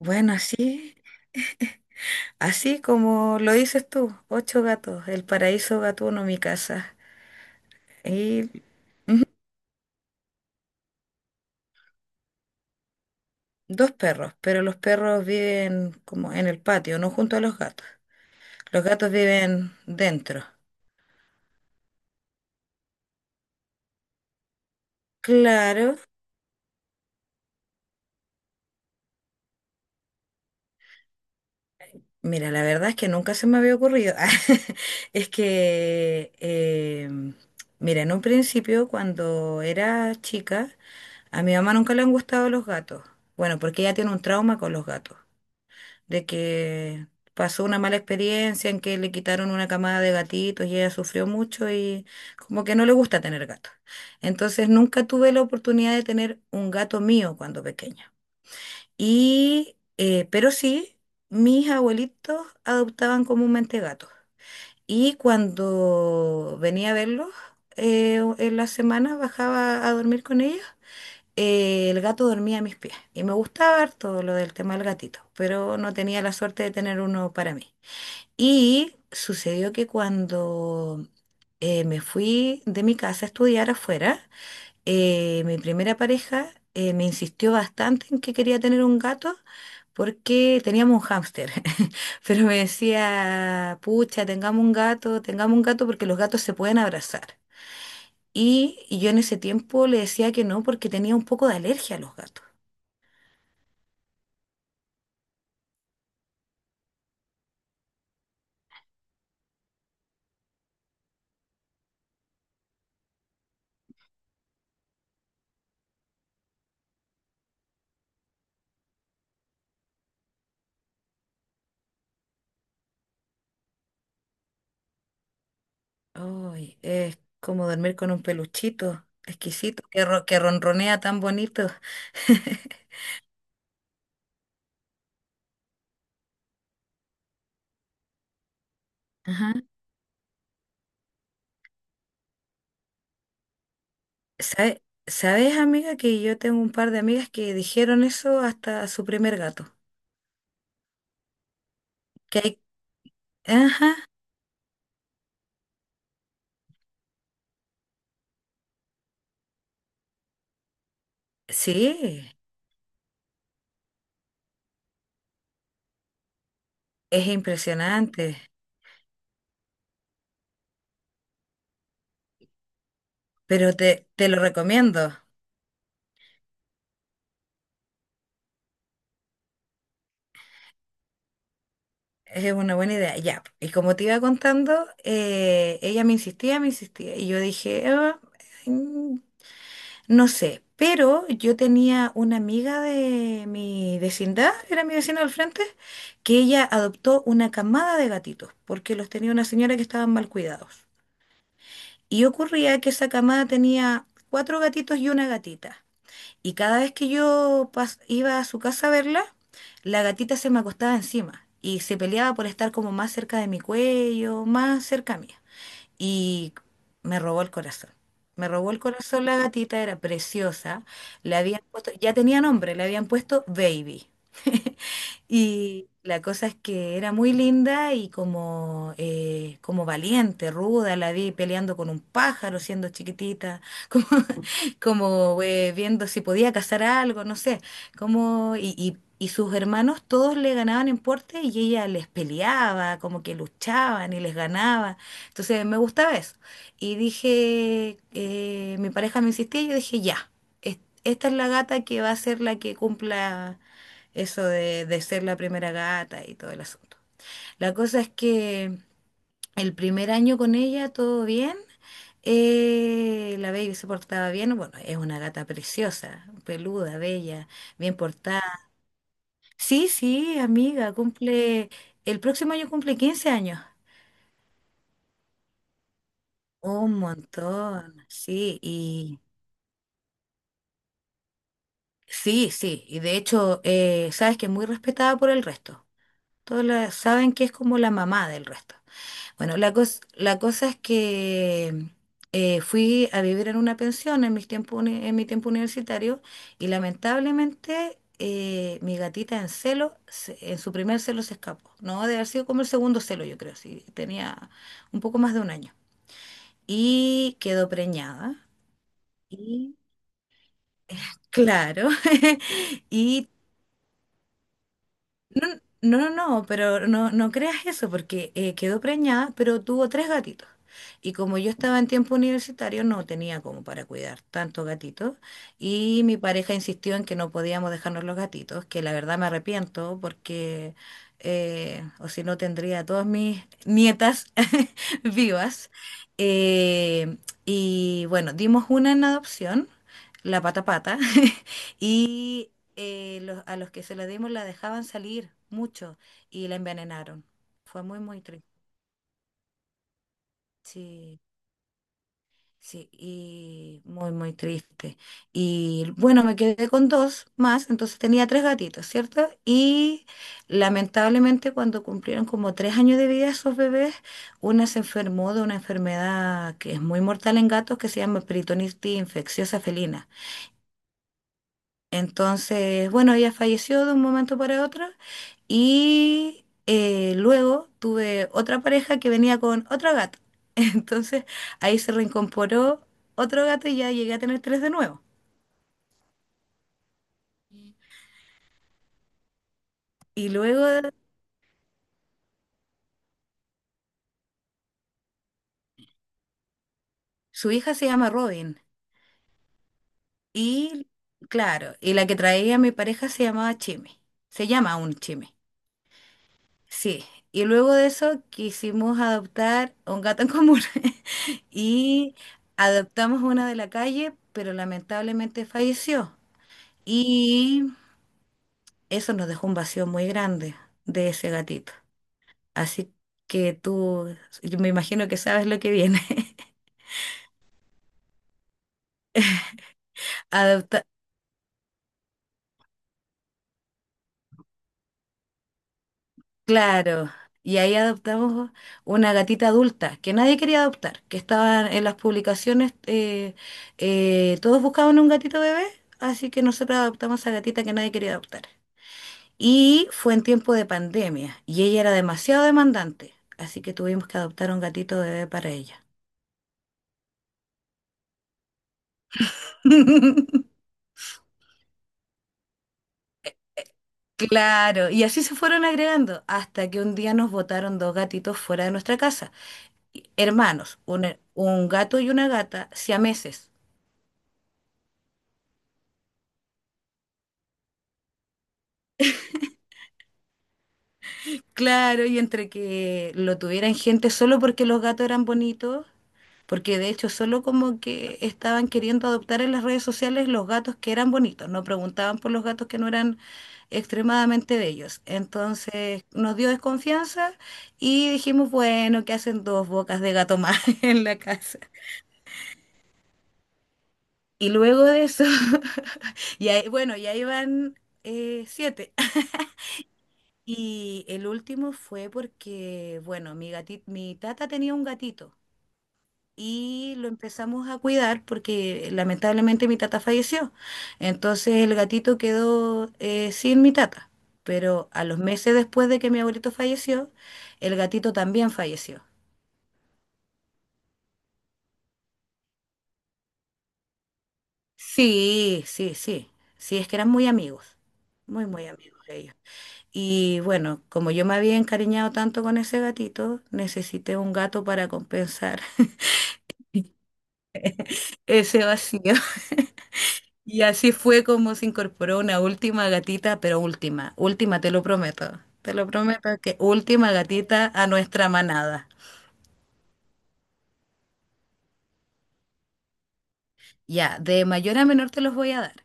Bueno, así, así como lo dices tú, ocho gatos, el paraíso gatuno, mi casa, y dos perros, pero los perros viven como en el patio, no junto a los gatos. Los gatos viven dentro. Claro, mira, la verdad es que nunca se me había ocurrido. Es que, mira, en un principio, cuando era chica, a mi mamá nunca le han gustado los gatos. Bueno, porque ella tiene un trauma con los gatos. De que pasó una mala experiencia en que le quitaron una camada de gatitos y ella sufrió mucho y como que no le gusta tener gatos. Entonces nunca tuve la oportunidad de tener un gato mío cuando pequeña. Y, pero sí, mis abuelitos adoptaban comúnmente gatos. Y cuando venía a verlos en las semanas bajaba a dormir con ellos, el gato dormía a mis pies y me gustaba ver todo lo del tema del gatito, pero no tenía la suerte de tener uno para mí. Y sucedió que cuando me fui de mi casa a estudiar afuera, mi primera pareja me insistió bastante en que quería tener un gato porque teníamos un hámster, pero me decía, pucha, tengamos un gato porque los gatos se pueden abrazar. Y yo en ese tiempo le decía que no porque tenía un poco de alergia a los gatos. Uy, es como dormir con un peluchito exquisito que, ro- que ronronea tan bonito. Ajá. ¿Sabe- ¿Sabes, amiga, que yo tengo un par de amigas que dijeron eso hasta a su primer gato? Que hay... Ajá, sí, es impresionante, pero te lo recomiendo. Es una buena idea. Ya, y como te iba contando, ella me insistía, y yo dije, "Ah, mm, no sé, pero yo tenía una amiga de mi vecindad, era mi vecina al frente, que ella adoptó una camada de gatitos, porque los tenía una señora que estaban mal cuidados. Y ocurría que esa camada tenía cuatro gatitos y una gatita. Y cada vez que yo pas- iba a su casa a verla, la gatita se me acostaba encima y se peleaba por estar como más cerca de mi cuello, más cerca mía y me robó el corazón. Me robó el corazón la gatita, era preciosa. Le habían puesto, ya tenía nombre, le habían puesto Baby. Y la cosa es que era muy linda y como, como valiente, ruda, la vi peleando con un pájaro siendo chiquitita, como, como viendo si podía cazar algo, no sé, como, y sus hermanos todos le ganaban en porte y ella les peleaba, como que luchaban y les ganaba. Entonces me gustaba eso. Y dije, mi pareja me insistía y yo dije, ya, es- esta es la gata que va a ser la que cumpla eso de ser la primera gata y todo el asunto. La cosa es que el primer año con ella todo bien. La baby se portaba bien. Bueno, es una gata preciosa, peluda, bella, bien portada. Sí, sí, amiga, el próximo año cumple 15 años. Un montón, sí, y sí, sí, y de hecho, sabes que es muy respetada por el resto. Todos la- saben que es como la mamá del resto. Bueno, la cosa es que fui a vivir en una pensión en mi tiempo universitario y lamentablemente mi gatita en su primer celo se escapó. No, debe haber sido como el segundo celo, yo creo, sí, tenía un poco más de un año. Y quedó preñada. Y claro, y No, no, no, pero no, no creas eso, porque quedó preñada, pero tuvo tres gatitos. Y como yo estaba en tiempo universitario, no tenía como para cuidar tantos gatitos. Y mi pareja insistió en que no podíamos dejarnos los gatitos, que la verdad me arrepiento, porque o si no tendría a todas mis nietas vivas. Eh, y bueno, dimos una en adopción, la pata pata, y a los que se la dimos la dejaban salir mucho y la envenenaron. Fue muy, muy triste. Sí, sí, y muy, muy triste. Y bueno, me quedé con dos más, entonces tenía tres gatitos, ¿cierto? Y lamentablemente cuando cumplieron como 3 años de vida esos bebés, una se enfermó de una enfermedad que es muy mortal en gatos que se llama peritonitis infecciosa felina. Entonces, bueno, ella falleció de un momento para otro y luego tuve otra pareja que venía con otro gato. Entonces, ahí se reincorporó otro gato y ya llegué a tener tres de nuevo. Y luego su hija se llama Robin y, claro, y la que traía a mi pareja se llamaba Chime. Se llama aún Chime. Sí, y luego de eso quisimos adoptar a un gato en común y adoptamos una de la calle, pero lamentablemente falleció y eso nos dejó un vacío muy grande de ese gatito. Así que tú, yo me imagino que sabes lo que viene. Adopta- Claro, y ahí adoptamos una gatita adulta que nadie quería adoptar, que estaba en las publicaciones, todos buscaban un gatito bebé, así que nosotros adoptamos a esa gatita que nadie quería adoptar. Y fue en tiempo de pandemia, y ella era demasiado demandante, así que tuvimos que adoptar un gatito bebé para ella. Claro, y así se fueron agregando hasta que un día nos botaron dos gatitos fuera de nuestra casa, hermanos, un gato y una gata, siameses. Claro, y entre que lo tuvieran gente solo porque los gatos eran bonitos, porque de hecho solo como que estaban queriendo adoptar en las redes sociales los gatos que eran bonitos, no preguntaban por los gatos que no eran extremadamente bellos. Entonces nos dio desconfianza y dijimos, bueno, ¿qué hacen dos bocas de gato más en la casa? Y luego de eso, y bueno, ya iban siete. Y el último fue porque, bueno, mi tata tenía un gatito. Y lo empezamos a cuidar porque lamentablemente mi tata falleció. Entonces el gatito quedó sin mi tata. Pero a los meses después de que mi abuelito falleció, el gatito también falleció. Sí, sí, sí. Sí, es que eran muy amigos, muy, muy amigos ellos. Y bueno, como yo me había encariñado tanto con ese gatito, necesité un gato para compensar ese vacío. Y así fue como se incorporó una última gatita, pero última, última, te lo prometo. Te lo prometo que última gatita a nuestra manada. Ya, de mayor a menor te los voy a dar.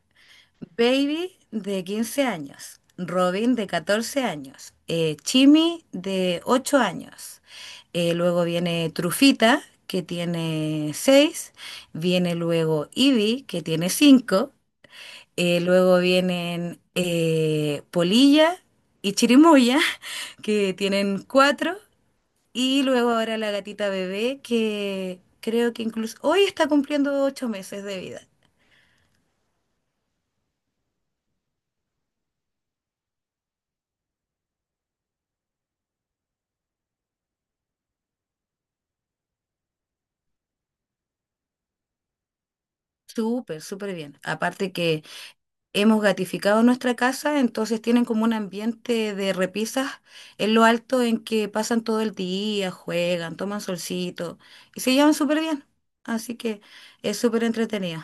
Baby de 15 años, Robin de 14 años, Chimi de 8 años. Luego viene Trufita, que tiene 6. Viene luego Ivy, que tiene 5. Luego vienen Polilla y Chirimoya, que tienen cuatro. Y luego ahora la gatita bebé, que creo que incluso hoy está cumpliendo 8 meses de vida. Súper, súper bien. Aparte que hemos gatificado nuestra casa, entonces tienen como un ambiente de repisas en lo alto en que pasan todo el día, juegan, toman solcito y se llevan súper bien. Así que es súper entretenido.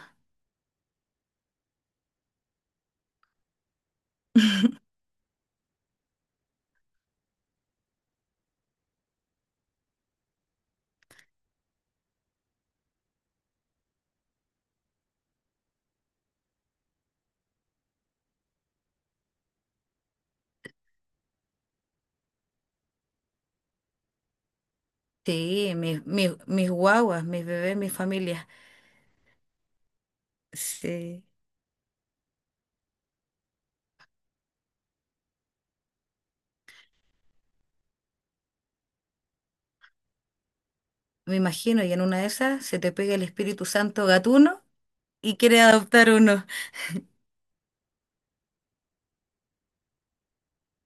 Sí, mis guaguas, mis bebés, mis familias. Sí, me imagino, y en una de esas se te pega el Espíritu Santo gatuno y quiere adoptar uno.